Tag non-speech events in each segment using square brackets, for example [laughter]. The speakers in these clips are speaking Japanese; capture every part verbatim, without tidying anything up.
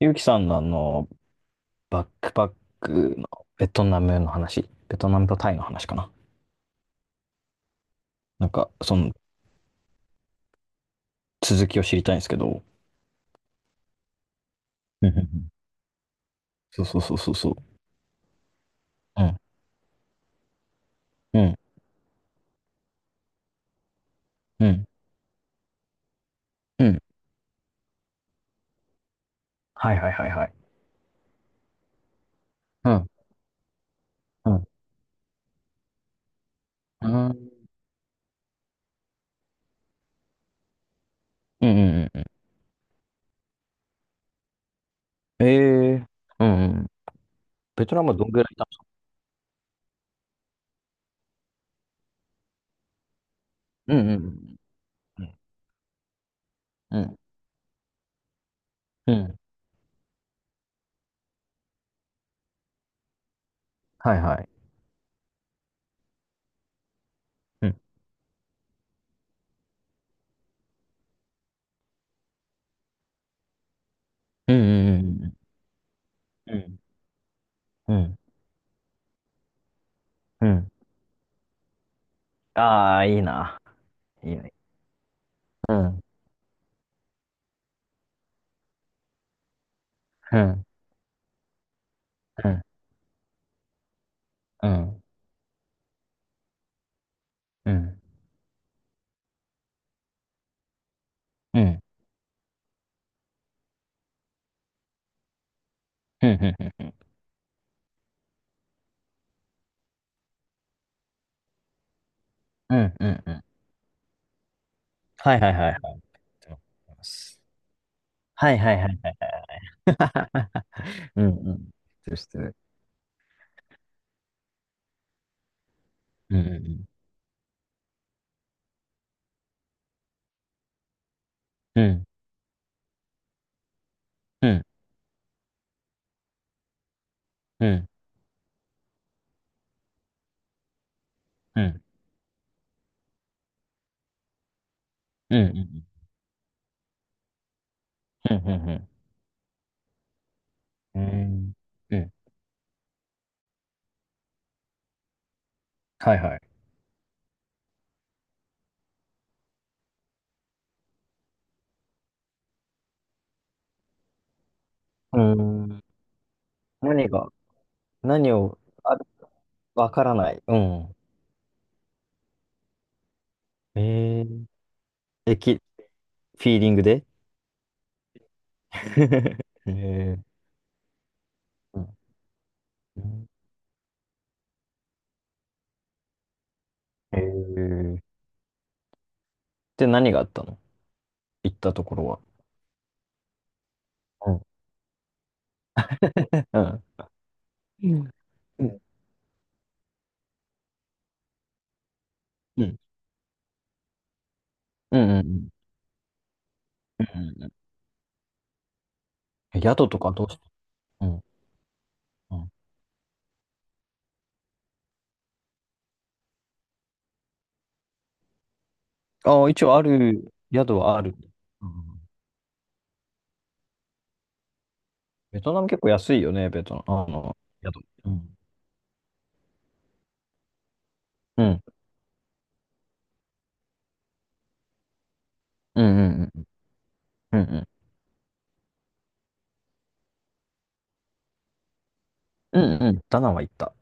ゆうきさんのあの、バックパックのベトナムの話、ベトナムとタイの話かな。なんか、その続きを知りたいんですけど。うんうんうん。そうそうそうそうそう。うん、うん、うん、うん。はいはいはいはい。うん、うん、うん、うん、うんうん。ええー、うん、うん。ベトナムはどんぐらいいたんですか？うんうんうん、うん、うん、うん。はいはい。うん、うん、うん、うん、うん、うん。ああー、いいな。いいね。うん、うん、うん、うん、うん。うんうんうんうん。うんうんうん。はいはいはいはい。と思います。はいはいはいはい。[laughs] うんうん。失してる知ってる。うんうんうん。うんうんうんうんうんうんうんうんうん。うん。はいはい。うーん。ん何が、何を、あ、わからない。うん。えー、え、き、フィーリングで。 [laughs] えー、うん。うん。えー、で、何があったの、行ったところは。うん。[laughs] うん。うんうん。うんうんうん。うんうん。え、宿とかどうして？うん。うん。ああ、一応ある、宿はある。うん。ベトナム結構安いよね、ベトナム。あの、宿。うん。うん。うんうんうんうんうん。うんうん。ダナンは行った。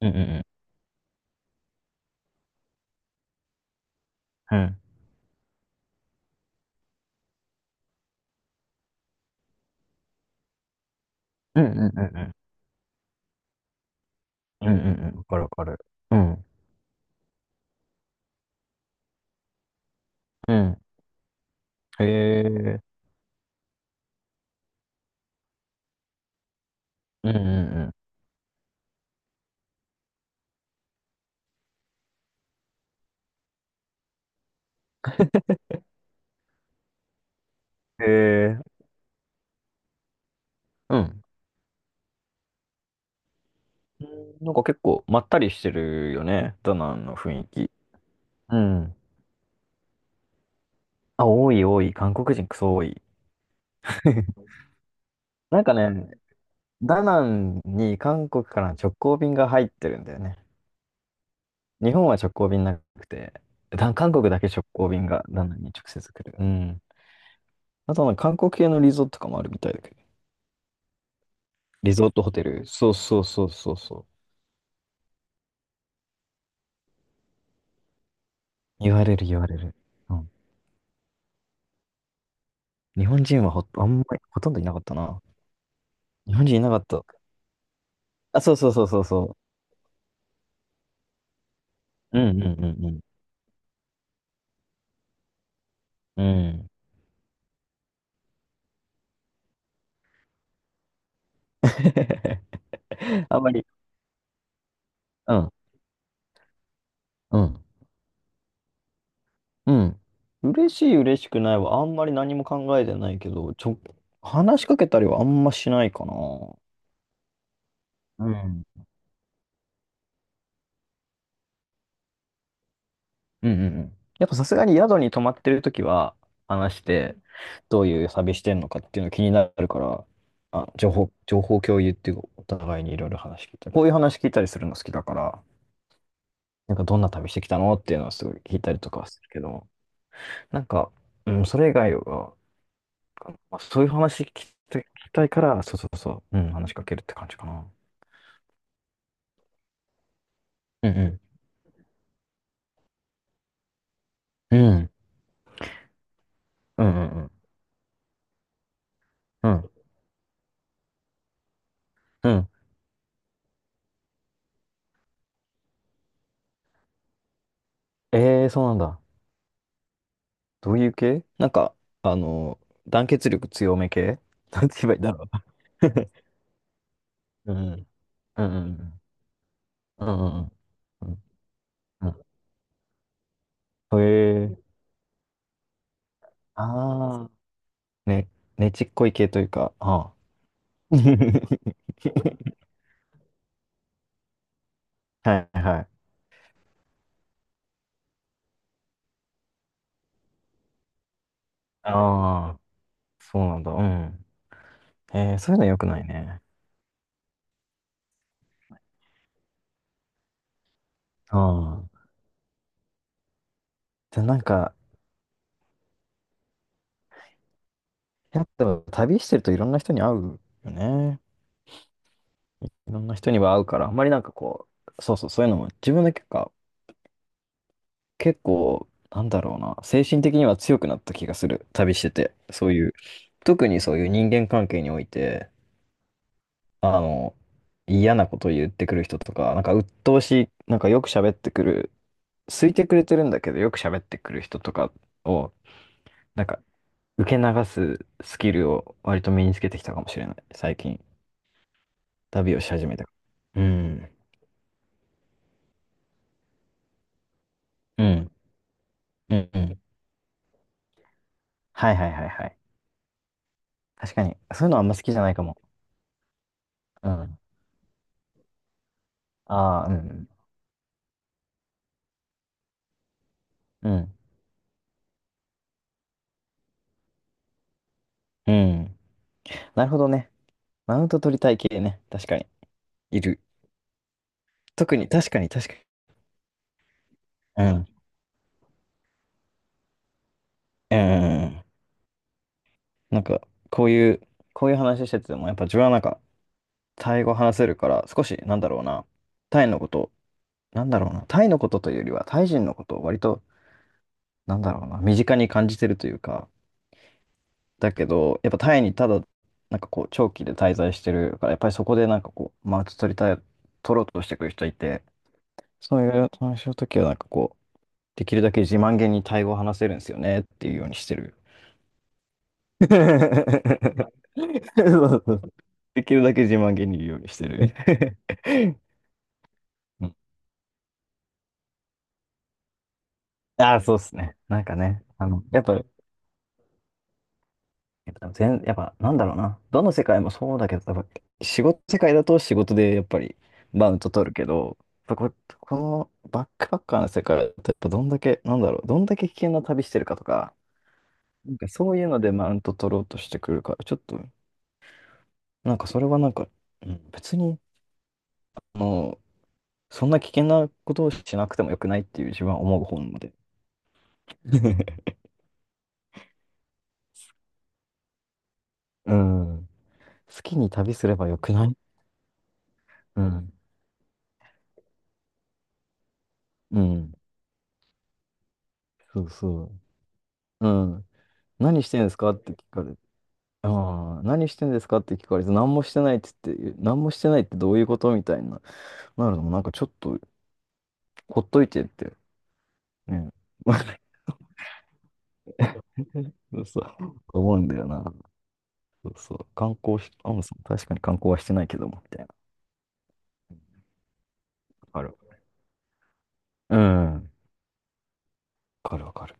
うんうんうん。うんうんうんうんうん。うんうんうん。わかるわかる。うん。うん。へえ。うんうんうん。へえ。うん。なんか結構まったりしてるよね、ダナンの雰囲気。うん。あ、多い多い。韓国人クソ多い。[laughs] なんかね、ダナンに韓国からの直行便が入ってるんだよね。日本は直行便なくて、だ韓国だけ直行便がダナンに直接来る。うん。あとは韓国系のリゾートとかもあるみたいだけど。リゾートホテル。そうそうそうそうそう。言われる言われる。うん。日本人はほ、あんまり、ほとんどいなかったな。日本人いなかった。あ、そうそうそうそうそう。うんうんうんうん。うん。[laughs] あんまり。うん。うん。うん。嬉しい、嬉しくないはあんまり何も考えてないけど、ちょ、話しかけたりはあんましないかな。うん。うんうんうん。やっぱさすがに宿に泊まってるときは話して、どういう旅してんのかっていうの気になるから、あ、情報、情報共有っていうか、お互いにいろいろ話聞いたり、こういう話聞いたりするの好きだから、なんかどんな旅してきたのっていうのはすごい聞いたりとかはするけど、なんか、うん、それ以外はまあ、そういう話聞きたい、聞きたいから、そうそうそう、うん、話しかけるって感じかな。うんうん。うん。うんうんうん。うん。うん。ええー、そうなんだ。どういう系なんか、あの、団結力強め系、なんて言えばいいんだろう。 [laughs] うんうんうん。うんうんうん。うんうん。へえ。ああ、ね、ねちっこい系というか、ああ。[laughs] はいはい。ああ、そうなんだ。うん。えー、そういうの良くないね。ああ。で、なんか、やっぱ旅してるといろんな人に会うよね。いろんな人には会うから、あんまりなんかこう、そうそう、そういうのも自分だけか、結構、なんだろうな、精神的には強くなった気がする。旅してて。そういう、特にそういう人間関係において、あの、嫌なこと言ってくる人とか、なんか鬱陶しい、なんかよく喋ってくる、好いてくれてるんだけど、よく喋ってくる人とかを、なんか、受け流すスキルを割と身につけてきたかもしれない、最近。旅をし始めた。うん。うん。うん。うん。はいはいはいはい。確かに。そういうのあんま好きじゃないかも。うん。ああ、うん。うん。うん。なるほどね。マウント取りたい系ね。確かに。いる。特に、確かに、確かに。うん。うん。うん。なんか、こういう、こういう話してても、やっぱ自分はなんか、タイ語話せるから、少し、なんだろうな、タイのこと、なんだろうな、タイのことというよりは、タイ人のことを割と、なんだろうな、身近に感じてるというか、だけど、やっぱタイにただ、なんかこう、長期で滞在してるから、やっぱりそこでなんかこう、マウント取りたい、取ろうとしてくる人いて、そういう話の時はなんかこう、できるだけ自慢げにタイ語を話せるんですよねっていうようにしてる。[laughs] そうそうそう、できるだけ自慢げに言うようにしてる。[laughs] うん。ああ、そうっすね。なんかね、あの、やっぱ、やっぱ全、やっぱなんだろうな。どの世界もそうだけど、多分仕事世界だと仕事でやっぱりバウント取るけど、やっぱこ、このバックパッカーの世界だとやっぱどんだけ、なんだろう、どんだけ危険な旅してるかとか、なんかそういうのでマウント取ろうとしてくるから、ちょっと、なんかそれはなんか、うん、別に、もう、そんな危険なことをしなくてもよくないっていう自分は思う方なので。[laughs] うん。好きに旅すればよくない？うん。うん。そうそう。うん。何してんですかって聞かれて、ああ、何してんですかって聞かれて、何もしてないって言って、何もしてないってどういうことみたいな。なるのもなんかちょっと、ほっといてって、ね。[laughs] そうそう、思うんだよな。そうそう。観光し、アムさん、確かに観光はしてないけども、みたいな。わかる。うん。わかるわかる。